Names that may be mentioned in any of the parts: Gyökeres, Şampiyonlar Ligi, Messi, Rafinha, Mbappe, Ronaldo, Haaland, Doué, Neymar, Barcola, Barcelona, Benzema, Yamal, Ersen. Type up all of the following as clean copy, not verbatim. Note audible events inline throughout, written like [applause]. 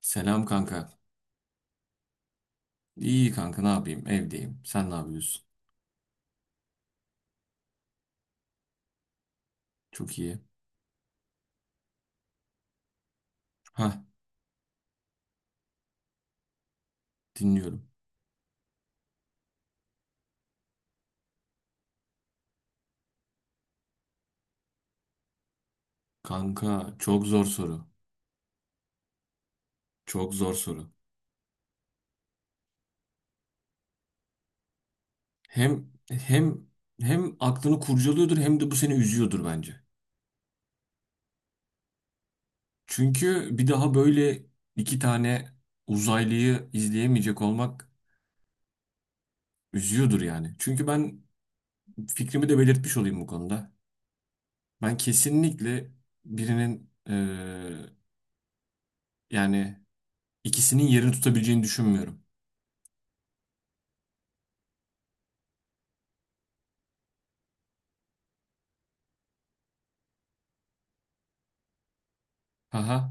Selam kanka. İyi kanka ne yapayım? Evdeyim. Sen ne yapıyorsun? Çok iyi. Hah, dinliyorum. Kanka çok zor soru. Çok zor soru. Hem hem aklını kurcalıyordur hem de bu seni üzüyordur bence. Çünkü bir daha böyle iki tane uzaylıyı izleyemeyecek olmak üzüyordur yani. Çünkü ben fikrimi de belirtmiş olayım bu konuda. Ben kesinlikle birinin yani ikisinin yerini tutabileceğini düşünmüyorum. Haha.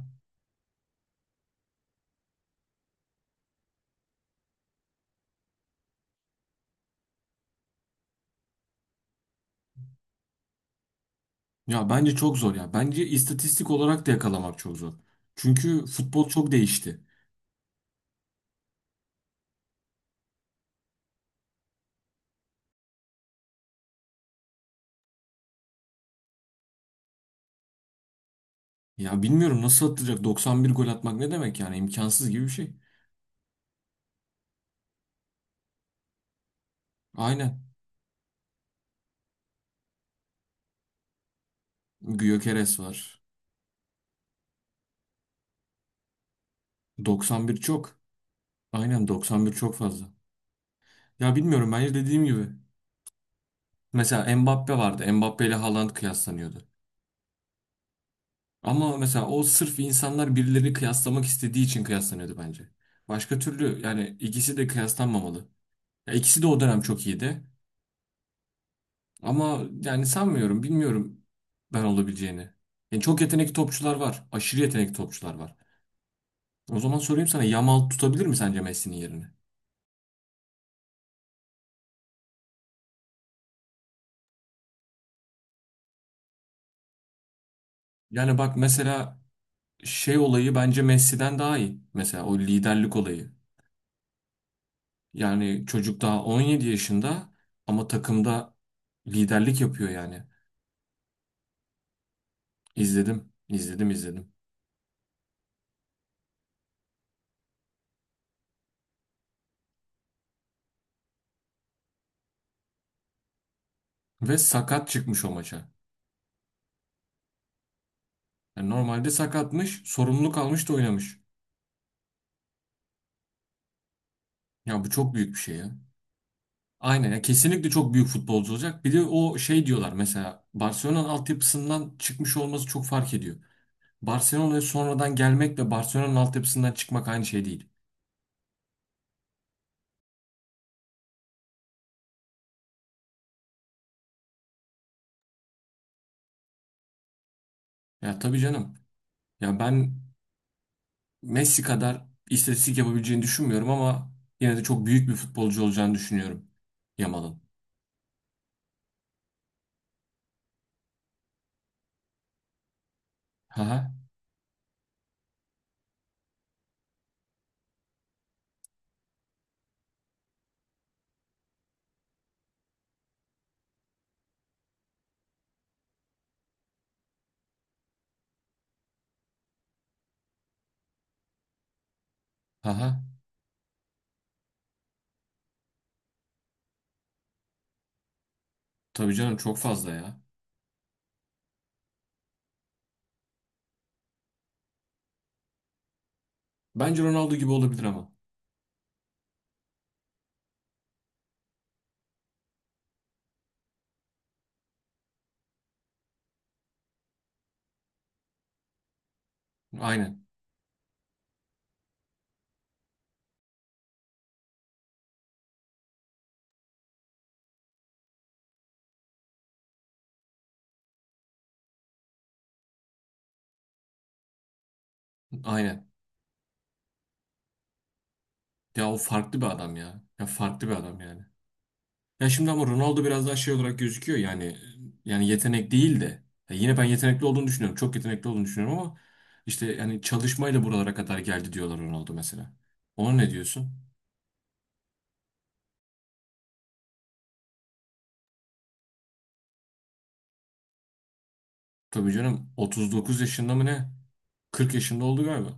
Ya bence çok zor ya. Bence istatistik olarak da yakalamak çok zor. Çünkü futbol çok değişti. Ya bilmiyorum nasıl atacak, 91 gol atmak ne demek yani, imkansız gibi bir şey. Aynen. Gyökeres var. 91 çok. Aynen, 91 çok fazla. Ya bilmiyorum, bence dediğim gibi. Mesela Mbappe vardı. Mbappe ile Haaland kıyaslanıyordu. Ama mesela o, sırf insanlar birileri kıyaslamak istediği için kıyaslanıyordu bence. Başka türlü yani ikisi de kıyaslanmamalı. Ya ikisi de o dönem çok iyiydi. Ama yani sanmıyorum, bilmiyorum ben olabileceğini. Yani çok yetenekli topçular var. Aşırı yetenekli topçular var. O zaman sorayım sana, Yamal tutabilir mi sence Messi'nin yerini? Yani bak mesela şey olayı bence Messi'den daha iyi. Mesela o liderlik olayı. Yani çocuk daha 17 yaşında ama takımda liderlik yapıyor yani. İzledim, izledim, izledim. Ve sakat çıkmış o maça. Yani normalde sakatmış, sorumluluk almış da oynamış. Ya bu çok büyük bir şey ya. Aynen ya, kesinlikle çok büyük futbolcu olacak. Bir de o şey diyorlar, mesela Barcelona'nın altyapısından çıkmış olması çok fark ediyor. Barcelona'ya sonradan gelmekle Barcelona'nın altyapısından çıkmak aynı şey değil. Ya tabii canım. Ya ben Messi kadar istatistik yapabileceğini düşünmüyorum ama yine de çok büyük bir futbolcu olacağını düşünüyorum Yamal'ın. Haha. Haha. Tabii canım, çok fazla ya. Bence Ronaldo gibi olabilir ama. Aynen. Aynen. Ya o farklı bir adam ya. Ya farklı bir adam yani. Ya şimdi ama Ronaldo biraz daha şey olarak gözüküyor yani, yetenek değil de, ya yine ben yetenekli olduğunu düşünüyorum. Çok yetenekli olduğunu düşünüyorum ama işte yani çalışmayla buralara kadar geldi diyorlar Ronaldo mesela. Ona ne diyorsun? Tabii canım, 39 yaşında mı ne? 40 yaşında oldu galiba.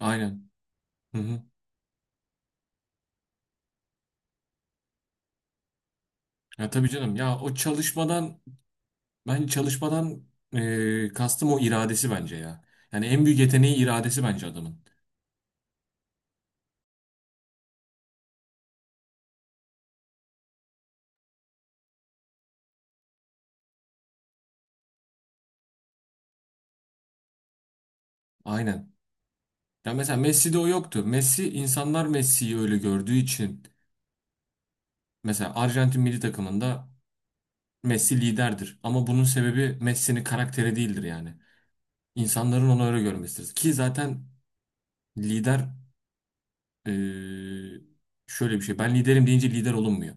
Aynen. Hı hı. Ya tabii canım ya, o çalışmadan ben çalışmadan kastım o, iradesi bence ya. Yani en büyük yeteneği iradesi bence adamın. Aynen. Ya mesela Messi'de o yoktu. Messi, insanlar Messi'yi öyle gördüğü için. Mesela Arjantin milli takımında Messi liderdir. Ama bunun sebebi Messi'nin karakteri değildir yani. İnsanların onu öyle görmesidir. Ki zaten lider eee, şöyle bir şey. Ben liderim deyince lider olunmuyor.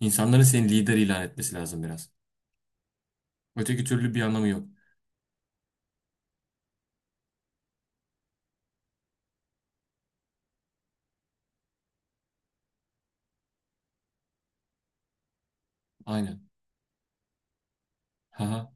İnsanların seni lider ilan etmesi lazım biraz. Öteki türlü bir anlamı yok. Aynen. Haha.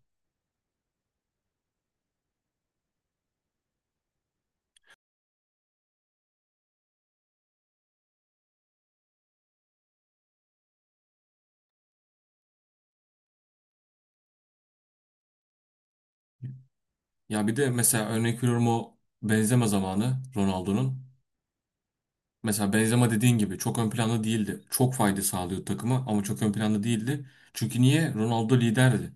Ya bir de mesela örnek veriyorum, o Benzema zamanı Ronaldo'nun. Mesela Benzema dediğin gibi çok ön planda değildi. Çok fayda sağlıyordu takıma ama çok ön planda değildi. Çünkü niye? Ronaldo liderdi.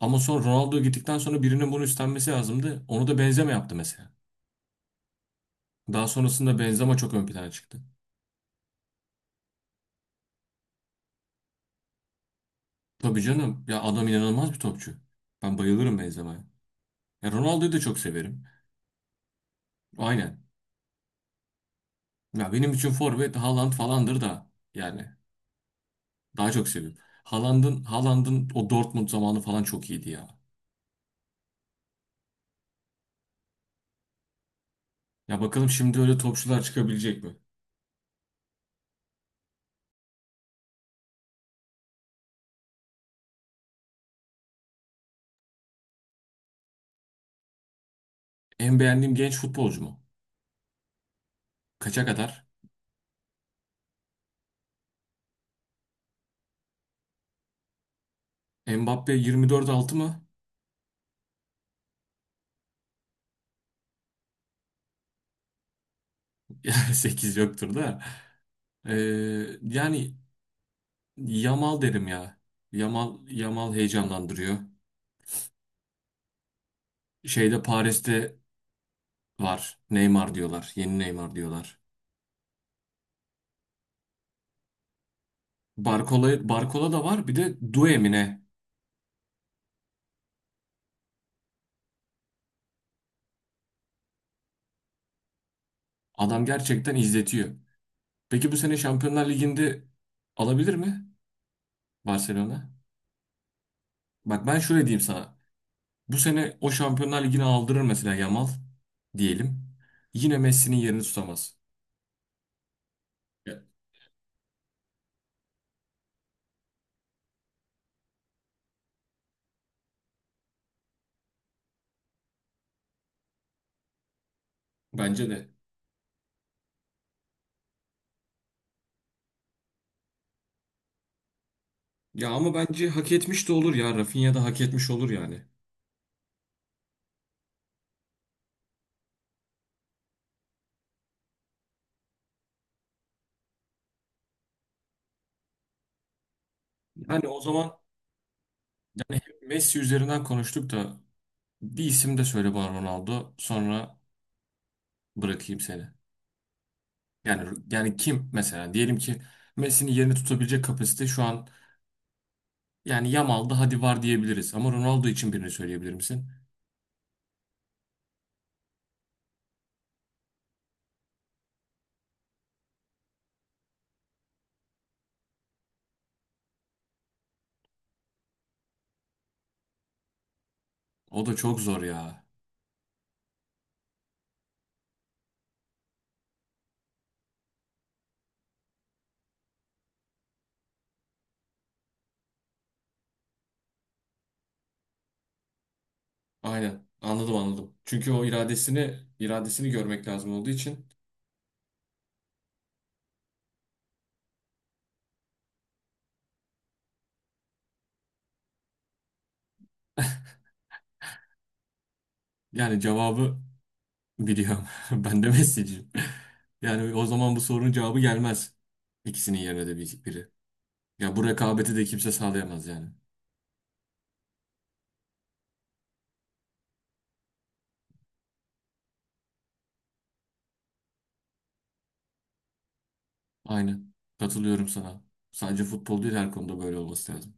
Ama sonra Ronaldo gittikten sonra birinin bunu üstlenmesi lazımdı. Onu da Benzema yaptı mesela. Daha sonrasında Benzema çok ön plana çıktı. Tabii canım ya, adam inanılmaz bir topçu. Ben bayılırım Benzema'ya. Ya Ronaldo'yu da çok severim. Aynen. Ya benim için forvet Haaland falandır da, yani daha çok seviyorum. Haaland'ın o Dortmund zamanı falan çok iyiydi ya. Ya bakalım şimdi öyle topçular çıkabilecek mi? En beğendiğim genç futbolcu mu? Kaça kadar? Mbappe 24 altı mı? [laughs] 8 yoktur da. Ee, Yani Yamal derim ya. Yamal heyecanlandırıyor. Şeyde, Paris'te var. Neymar diyorlar. Yeni Neymar diyorlar. Barcola, Barcola da var. Bir de Doué mi ne? Adam gerçekten izletiyor. Peki bu sene Şampiyonlar Ligi'nde alabilir mi Barcelona? Bak ben şöyle diyeyim sana. Bu sene o Şampiyonlar Ligi'ni aldırır mesela Yamal diyelim. Yine Messi'nin yerini tutamaz. Ya, bence de. Ya ama bence hak etmiş de olur ya. Rafinha da hak etmiş olur yani. Yani o zaman Messi üzerinden konuştuk da bir isim de söyle bana Ronaldo. Sonra bırakayım seni. Yani kim mesela? Diyelim ki Messi'nin yerini tutabilecek kapasite şu an, yani Yamal'da hadi var diyebiliriz. Ama Ronaldo için birini söyleyebilir misin? O da çok zor ya. Aynen. Anladım, anladım. Çünkü o iradesini görmek lazım olduğu için yani, cevabı biliyorum. [laughs] Ben de Messi'ciyim. Yani o zaman bu sorunun cevabı gelmez. İkisinin yerine de bir- biri. Ya bu rekabeti de kimse sağlayamaz yani. Aynen. Katılıyorum sana. Sadece futbol değil, her konuda böyle olması lazım.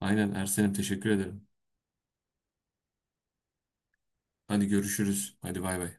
Aynen Ersen'im, teşekkür ederim. Hadi görüşürüz. Hadi bay bay.